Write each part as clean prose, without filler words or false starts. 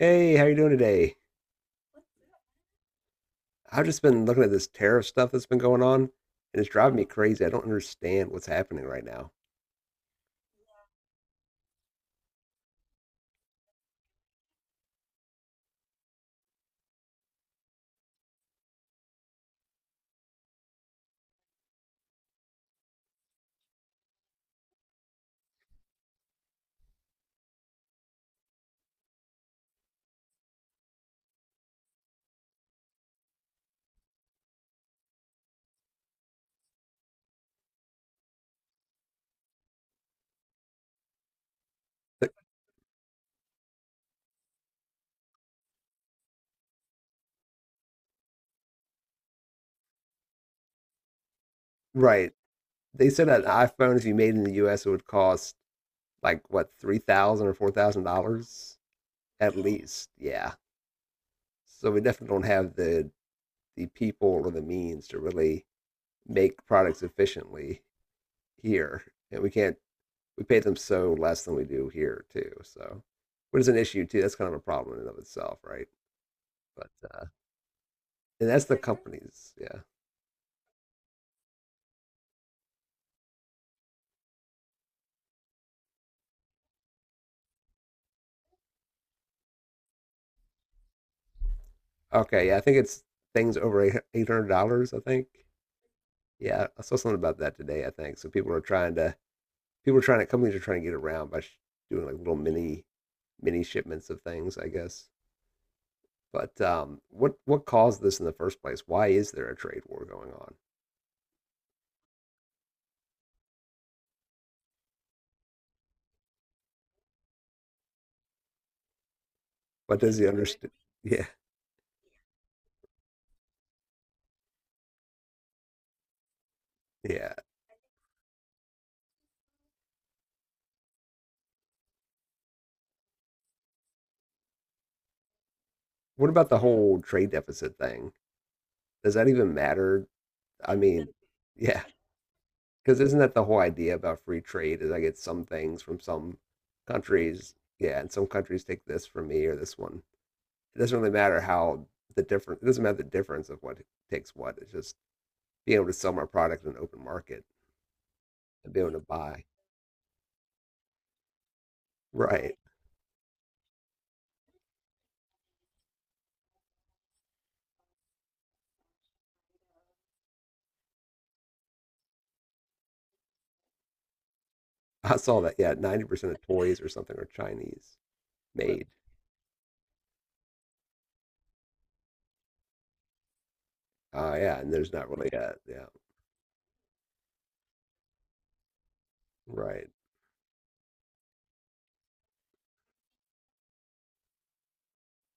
Hey, how you doing today? I've just been looking at this tariff stuff that's been going on, and it's driving me crazy. I don't understand what's happening right now. Like, right. They said that an iPhone, if you made in the US, it would cost like what, three thousand or four thousand dollars at least. Yeah. So we definitely don't have the people or the means to really make products efficiently here. And we can't we pay them so less than we do here too. So which is an issue too. That's kind of a problem in and of itself, right? But and that's the companies. Yeah. Okay. Yeah, I think it's things over $800. I think. Yeah, I saw something about that today. I think so. People are trying to companies are trying to get around by sh- doing like little mini mini shipments of things. I guess. But what caused this in the first place? Why is there a trade war going on? What does he understand? Yeah, yeah. What about the whole trade deficit thing? Does that even matter? I mean, yeah. Because isn't that the whole idea about free trade? Is I get some things from some countries, yeah, and some countries take this from me or this one. It doesn't really matter how the difference. It doesn't matter the difference of what takes what. It's just being able to sell my product in an open market and being able to buy. Right. I saw that. Yeah, 90% of toys or something are Chinese made. Yeah, and there's not really a yeah. Right.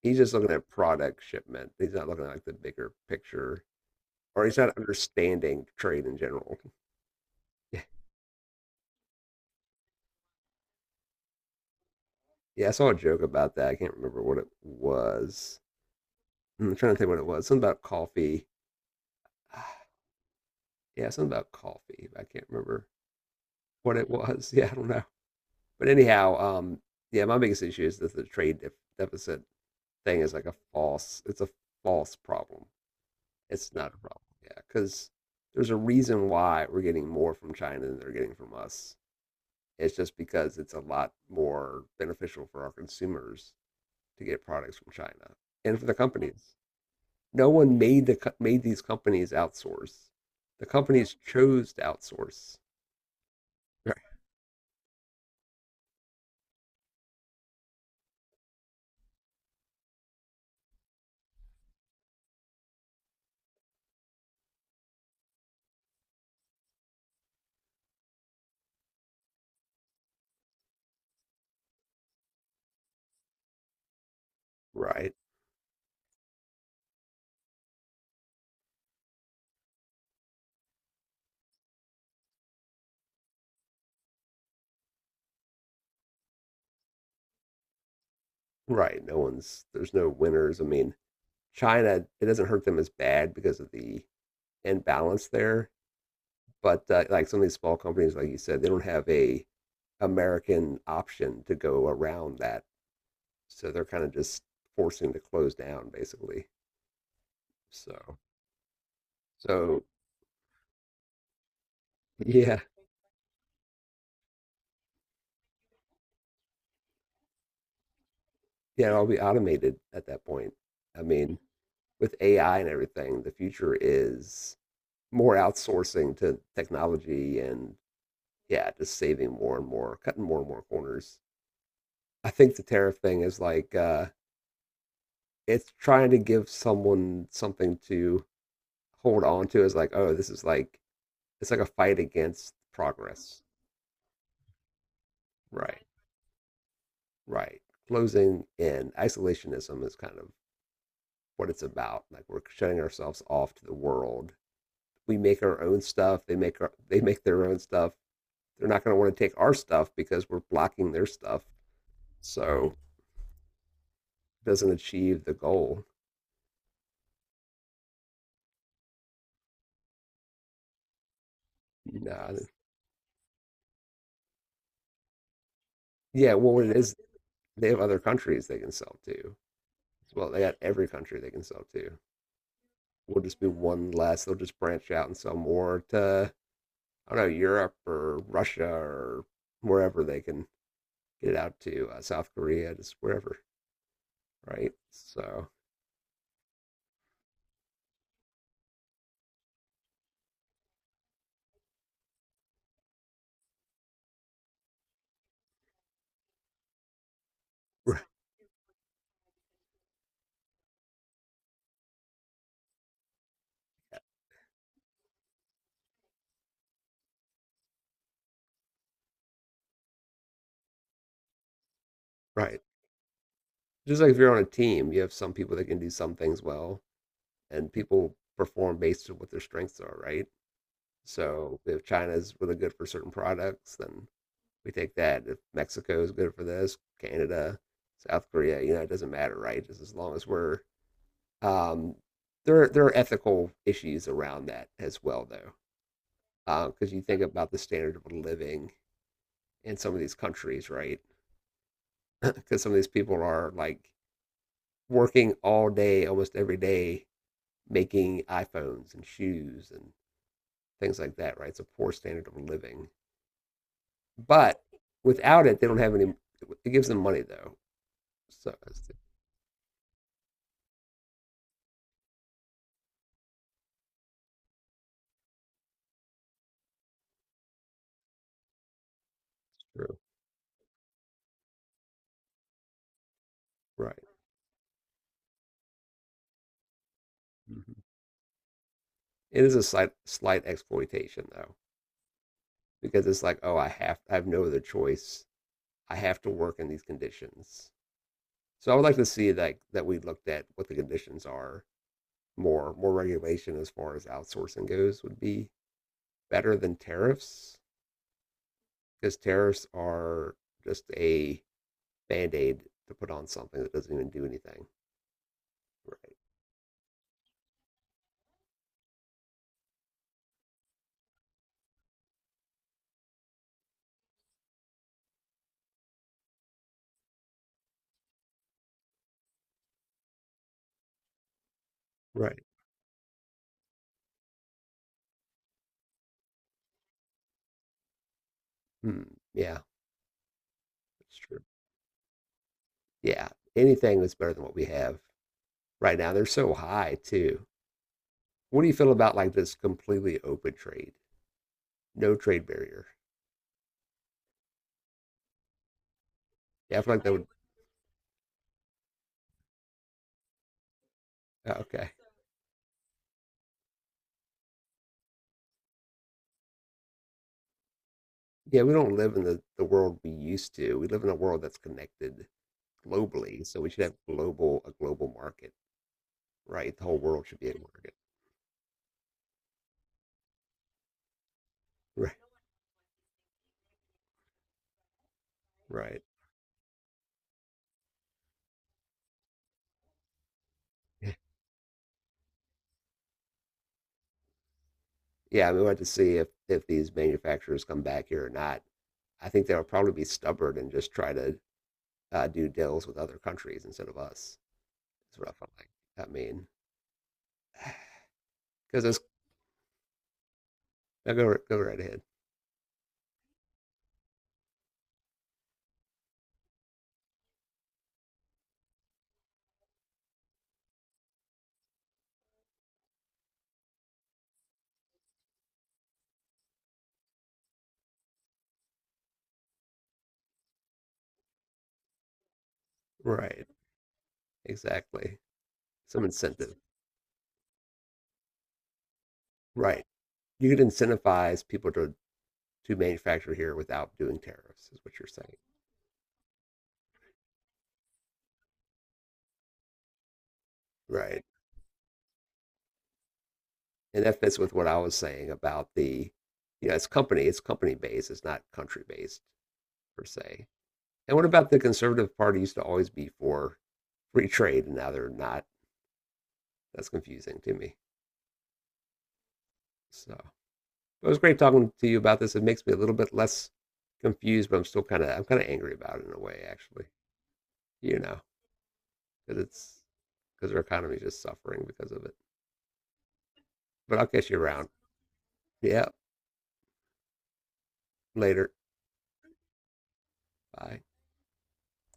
He's just looking at product shipment. He's not looking at like the bigger picture, or he's not understanding trade in general. Yeah, I saw a joke about that. I can't remember what it was. I'm trying to think what it was. Something about coffee. Yeah, something about coffee. I can't remember what it was. Yeah, I don't know. But anyhow, yeah, my biggest issue is that the deficit thing is like a false. It's a false problem. It's not a problem. Yeah, because there's a reason why we're getting more from China than they're getting from us. It's just because it's a lot more beneficial for our consumers to get products from China and for the companies. No one made these companies outsource. The companies chose to outsource. Right. Right. Right. No one's there's no winners. I mean, China it doesn't hurt them as bad because of the imbalance there. But like some of these small companies, like you said, they don't have a American option to go around that, so they're kind of just forcing to close down basically. So so yeah yeah, it'll be automated at that point. I mean, with AI and everything, the future is more outsourcing to technology and yeah, just saving more and more, cutting more and more corners. I think the tariff thing is like it's trying to give someone something to hold on to as like, oh, this is like it's like a fight against progress. Right. Right. Closing in isolationism is kind of what it's about. Like we're shutting ourselves off to the world. We make our own stuff. They make their own stuff. They're not going to want to take our stuff because we're blocking their stuff. So it doesn't achieve the goal. No. Yeah, well, it is, they have other countries they can sell to. Well, they got every country they can sell to. We'll just be one less. They'll just branch out and sell more to, I don't know, Europe or Russia or wherever they can get it out to, South Korea, just wherever, right? So, right. Just like if you're on a team, you have some people that can do some things well, and people perform based on what their strengths are, right? So if China's really good for certain products, then we take that. If Mexico is good for this, Canada, South Korea, you know, it doesn't matter, right? Just as long as um, there are ethical issues around that as well, though, because you think about the standard of living in some of these countries, right? Because some of these people are like working all day, almost every day, making iPhones and shoes and things like that, right? It's a poor standard of living. But without it, they don't have any. It gives them money though. So that's true, right? Mhm. It is a slight exploitation though, because it's like, oh, I have no other choice. I have to work in these conditions. So I would like to see that we looked at what the conditions are more regulation as far as outsourcing goes would be better than tariffs because tariffs are just a band aid to put on something that doesn't even do anything. Right. Right. Hmm. Yeah, that's true. Yeah, anything that's better than what we have right now. They're so high too. What do you feel about like this completely open trade, no trade barrier? Yeah, I feel like that would. Oh, Okay. Yeah, we don't live in the world we used to. We live in a world that's connected globally, so we should have global a global market, right? The whole world should be a market, right? Right. Yeah, I mean, we'll have to see if these manufacturers come back here or not. I think they'll probably be stubborn and just try to do deals with other countries instead of us. That's what I felt like. I mean, because it's now go right ahead. Right, exactly. Some incentive. Right, you could incentivize people to manufacture here without doing tariffs. Is what you're saying. Right, and that fits with what I was saying about the, you know, it's company based, it's not country based per se. And what about the conservative party used to always be for free trade, and now they're not? That's confusing to me. So it was great talking to you about this. It makes me a little bit less confused, but I'm still I'm kind of angry about it in a way, actually. You know, because it's because our economy is just suffering because of it. But I'll catch you around. Yeah, later. Bye.